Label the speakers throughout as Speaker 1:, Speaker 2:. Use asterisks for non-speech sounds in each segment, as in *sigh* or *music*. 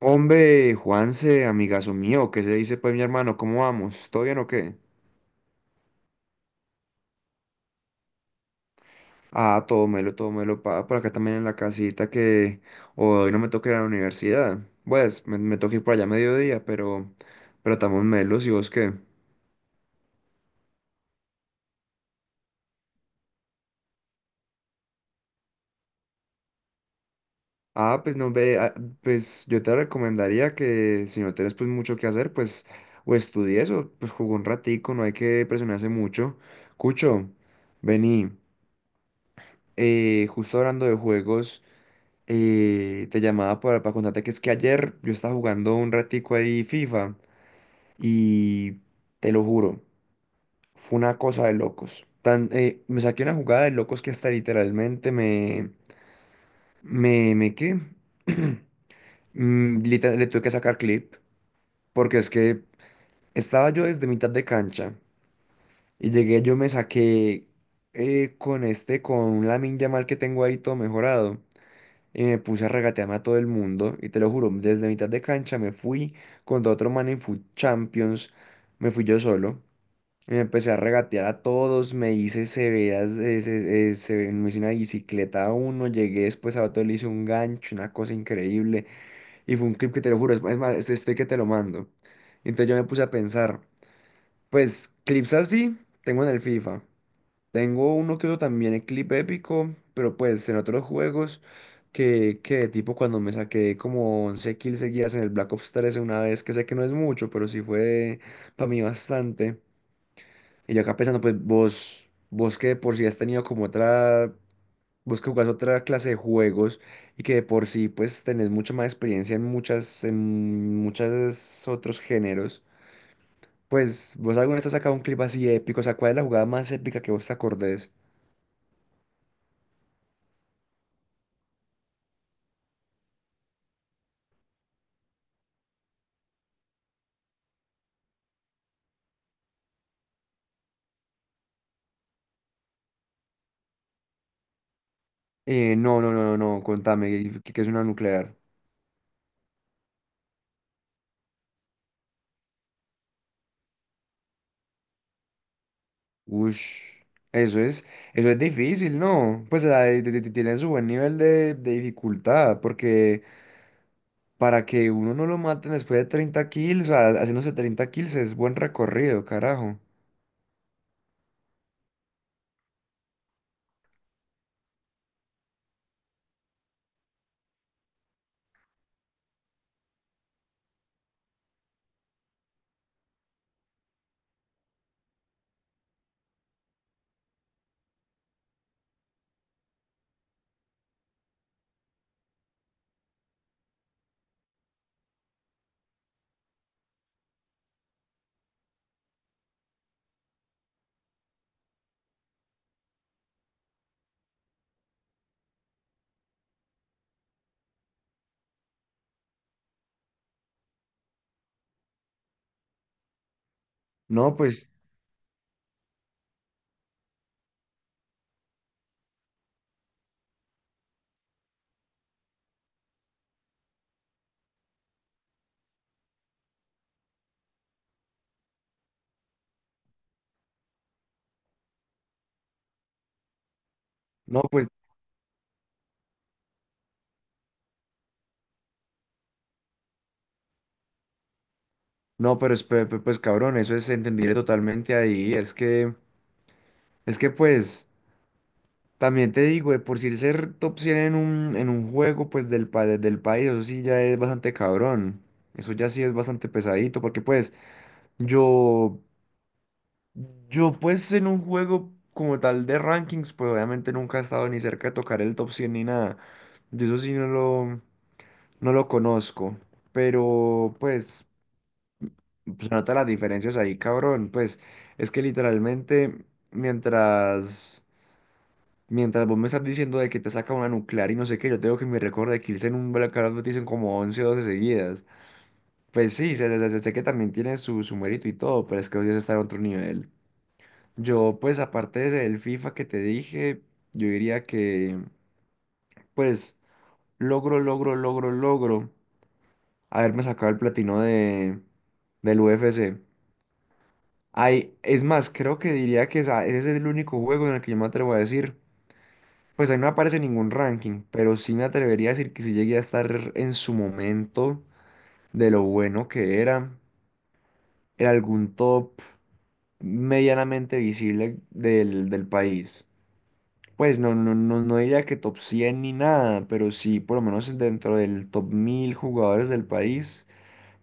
Speaker 1: Hombre, Juanse, amigazo mío, ¿qué se dice pues mi hermano? ¿Cómo vamos? ¿Todo bien o qué? Ah, todo melo, pa, por acá también en la casita que hoy no me toca ir a la universidad. Pues me toca ir por allá a mediodía, pero estamos melos, ¿y vos qué? Ah, pues no ve, ah, pues yo te recomendaría que si no tienes pues mucho que hacer, pues o estudies o pues jugó un ratico, no hay que presionarse mucho. Cucho, vení, justo hablando de juegos. Te llamaba para contarte que es que ayer yo estaba jugando un ratico ahí FIFA y te lo juro, fue una cosa de locos. Tan, me saqué una jugada de locos que hasta literalmente me... me qué? *clears throat* Le tuve que sacar clip porque es que estaba yo desde mitad de cancha y llegué, yo me saqué con este, con la Lamine mal que tengo ahí todo mejorado. Me puse a regatearme a todo el mundo y te lo juro, desde mitad de cancha me fui contra otro man en FUT Champions, me fui yo solo, y me empecé a regatear a todos, me hice severas, me hice una bicicleta a uno, llegué después a otro, le hice un gancho, una cosa increíble, y fue un clip que te lo juro, es más, este estoy que te lo mando. Entonces yo me puse a pensar, pues clips así tengo en el FIFA. Tengo uno que otro también en clip épico, pero pues en otros juegos que tipo cuando me saqué como 11 kills seguidas en el Black Ops 3 una vez, que sé que no es mucho, pero sí fue para mí bastante. Y yo acá pensando, pues vos que de por sí has tenido como otra, vos que jugás otra clase de juegos y que de por sí pues tenés mucha más experiencia en muchas, en muchos otros géneros. Pues vos alguna vez te has sacado un clip así épico, o sea, ¿cuál es la jugada más épica que vos te acordés? No, no, no, no, no, contame, qué es una nuclear? Ush, eso es, eso es difícil, ¿no? Pues o sea, tiene su buen nivel de dificultad, porque para que uno no lo maten después de 30 kills, o sea, haciéndose treinta kills es buen recorrido, carajo. No, pues, no, pues, no, pero es, pues cabrón, eso es entendible totalmente ahí, es que pues... También te digo, de por si ser top 100 en un juego, pues del, del país, eso sí ya es bastante cabrón. Eso ya sí es bastante pesadito, porque pues yo, yo pues en un juego como tal de rankings, pues obviamente nunca he estado ni cerca de tocar el top 100 ni nada. Yo eso sí no lo conozco, pero pues se nota las diferencias ahí, cabrón. Pues es que literalmente mientras... Mientras vos me estás diciendo de que te saca una nuclear y no sé qué, yo tengo que me recuerdo de Kills en un Blackout dicen como 11 o 12 seguidas. Pues sí, sé que también tiene su mérito y todo, pero es que hoy está en otro nivel. Yo, pues, aparte del FIFA que te dije, yo diría que, pues, logro haberme sacado el platino de, del UFC. Ay, es más, creo que diría que ese es el único juego en el que yo me atrevo a decir. Pues ahí no aparece ningún ranking, pero sí me atrevería a decir que si llegué a estar en su momento de lo bueno que era, en algún top medianamente visible del, del país. Pues no, no, no, no diría que top 100 ni nada, pero sí por lo menos dentro del top 1000 jugadores del país,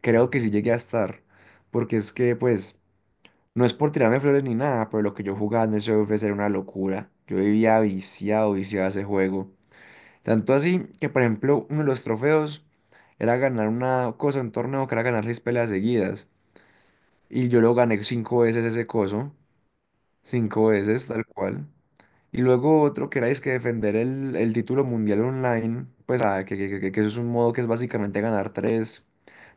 Speaker 1: creo que sí llegué a estar. Porque es que, pues, no es por tirarme flores ni nada, pero lo que yo jugaba en ese ofrecer era una locura. Yo vivía viciado, viciado a ese juego. Tanto así que, por ejemplo, uno de los trofeos era ganar una cosa, un torneo que era ganar seis peleas seguidas. Y yo lo gané cinco veces ese coso, cinco veces, tal cual. Y luego otro que era es que defender el título mundial online, pues ah, que eso es un modo que es básicamente ganar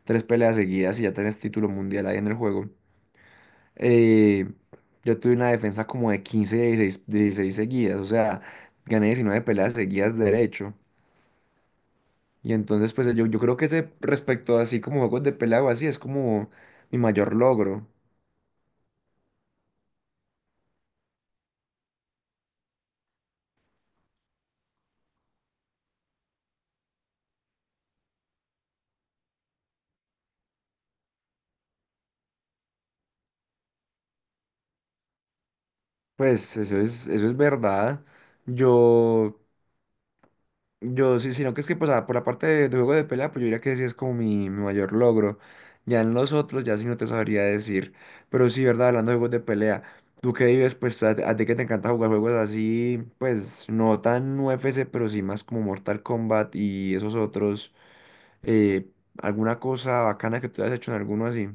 Speaker 1: tres peleas seguidas y ya tenés título mundial ahí en el juego. Eh, yo tuve una defensa como de 16 seguidas, o sea, gané 19 peleas seguidas derecho. Y entonces, pues yo creo que ese respecto así como juegos de pelea o así es como mi mayor logro. Pues eso es verdad. Yo, yo sí, sino que es que pues ah, por la parte de juego de pelea, pues yo diría que sí es como mi mayor logro. Ya en los otros, ya sí no te sabría decir. Pero sí, verdad, hablando de juegos de pelea. Tú que vives, pues a ti que te encanta jugar juegos así, pues no tan UFC, pero sí más como Mortal Kombat y esos otros. eh, ¿Alguna cosa bacana que tú hayas hecho en alguno así?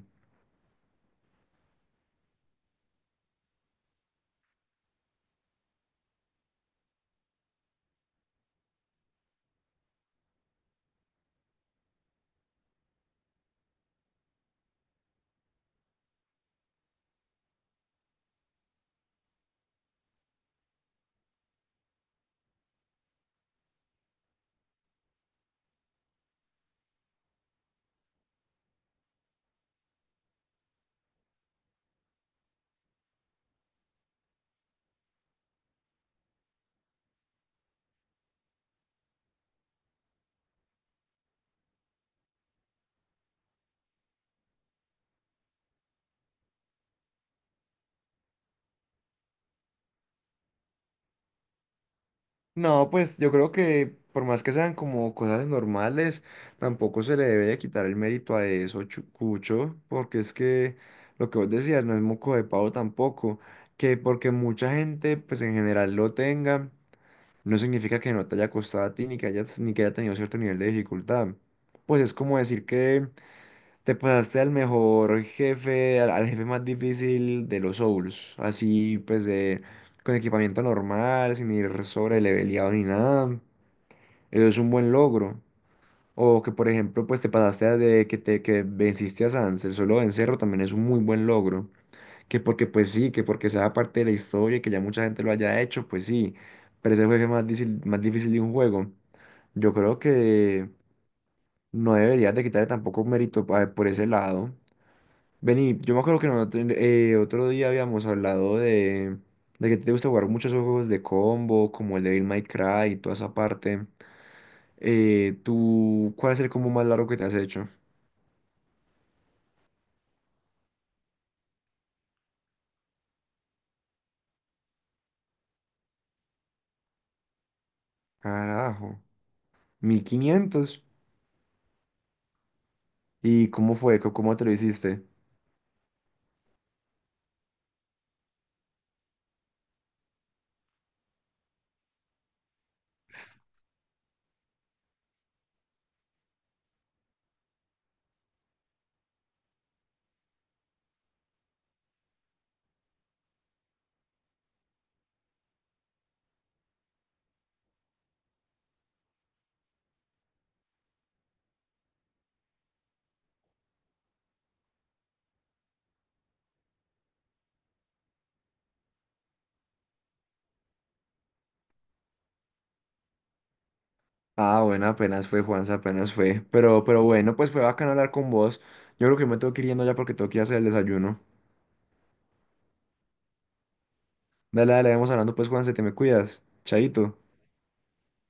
Speaker 1: No, pues yo creo que por más que sean como cosas normales, tampoco se le debe de quitar el mérito a eso, Cucho, porque es que lo que vos decías no es moco de pavo tampoco, que porque mucha gente pues en general lo tenga, no significa que no te haya costado a ti ni que hayas, ni que haya tenido cierto nivel de dificultad. Pues es como decir que te pasaste al mejor jefe, al, al jefe más difícil de los Souls. Así pues de con equipamiento normal, sin ir sobre leveleado ni nada. Eso es un buen logro. O que por ejemplo pues te pasaste a de que te que venciste a Sans, el solo vencerlo también es un muy buen logro. Que porque pues sí, que porque sea parte de la historia y que ya mucha gente lo haya hecho, pues sí. Pero es el jefe más difícil de un juego. Yo creo que no deberías de quitarle tampoco mérito por ese lado. Vení, yo me acuerdo que nosotros, otro día habíamos hablado de que te gusta jugar muchos juegos de combo, como el Devil May Cry y toda esa parte. ¿Tú cuál es el combo más largo que te has hecho? Carajo, 1500. ¿Y cómo fue? Cómo te lo hiciste? Ah, bueno, apenas fue, Juanza, apenas fue. Pero bueno, pues fue bacano hablar con vos. Yo creo que me tengo que ir yendo ya porque tengo que ir a hacer el desayuno. Dale, dale, vamos hablando pues, Juanza, te me cuidas. Chaito.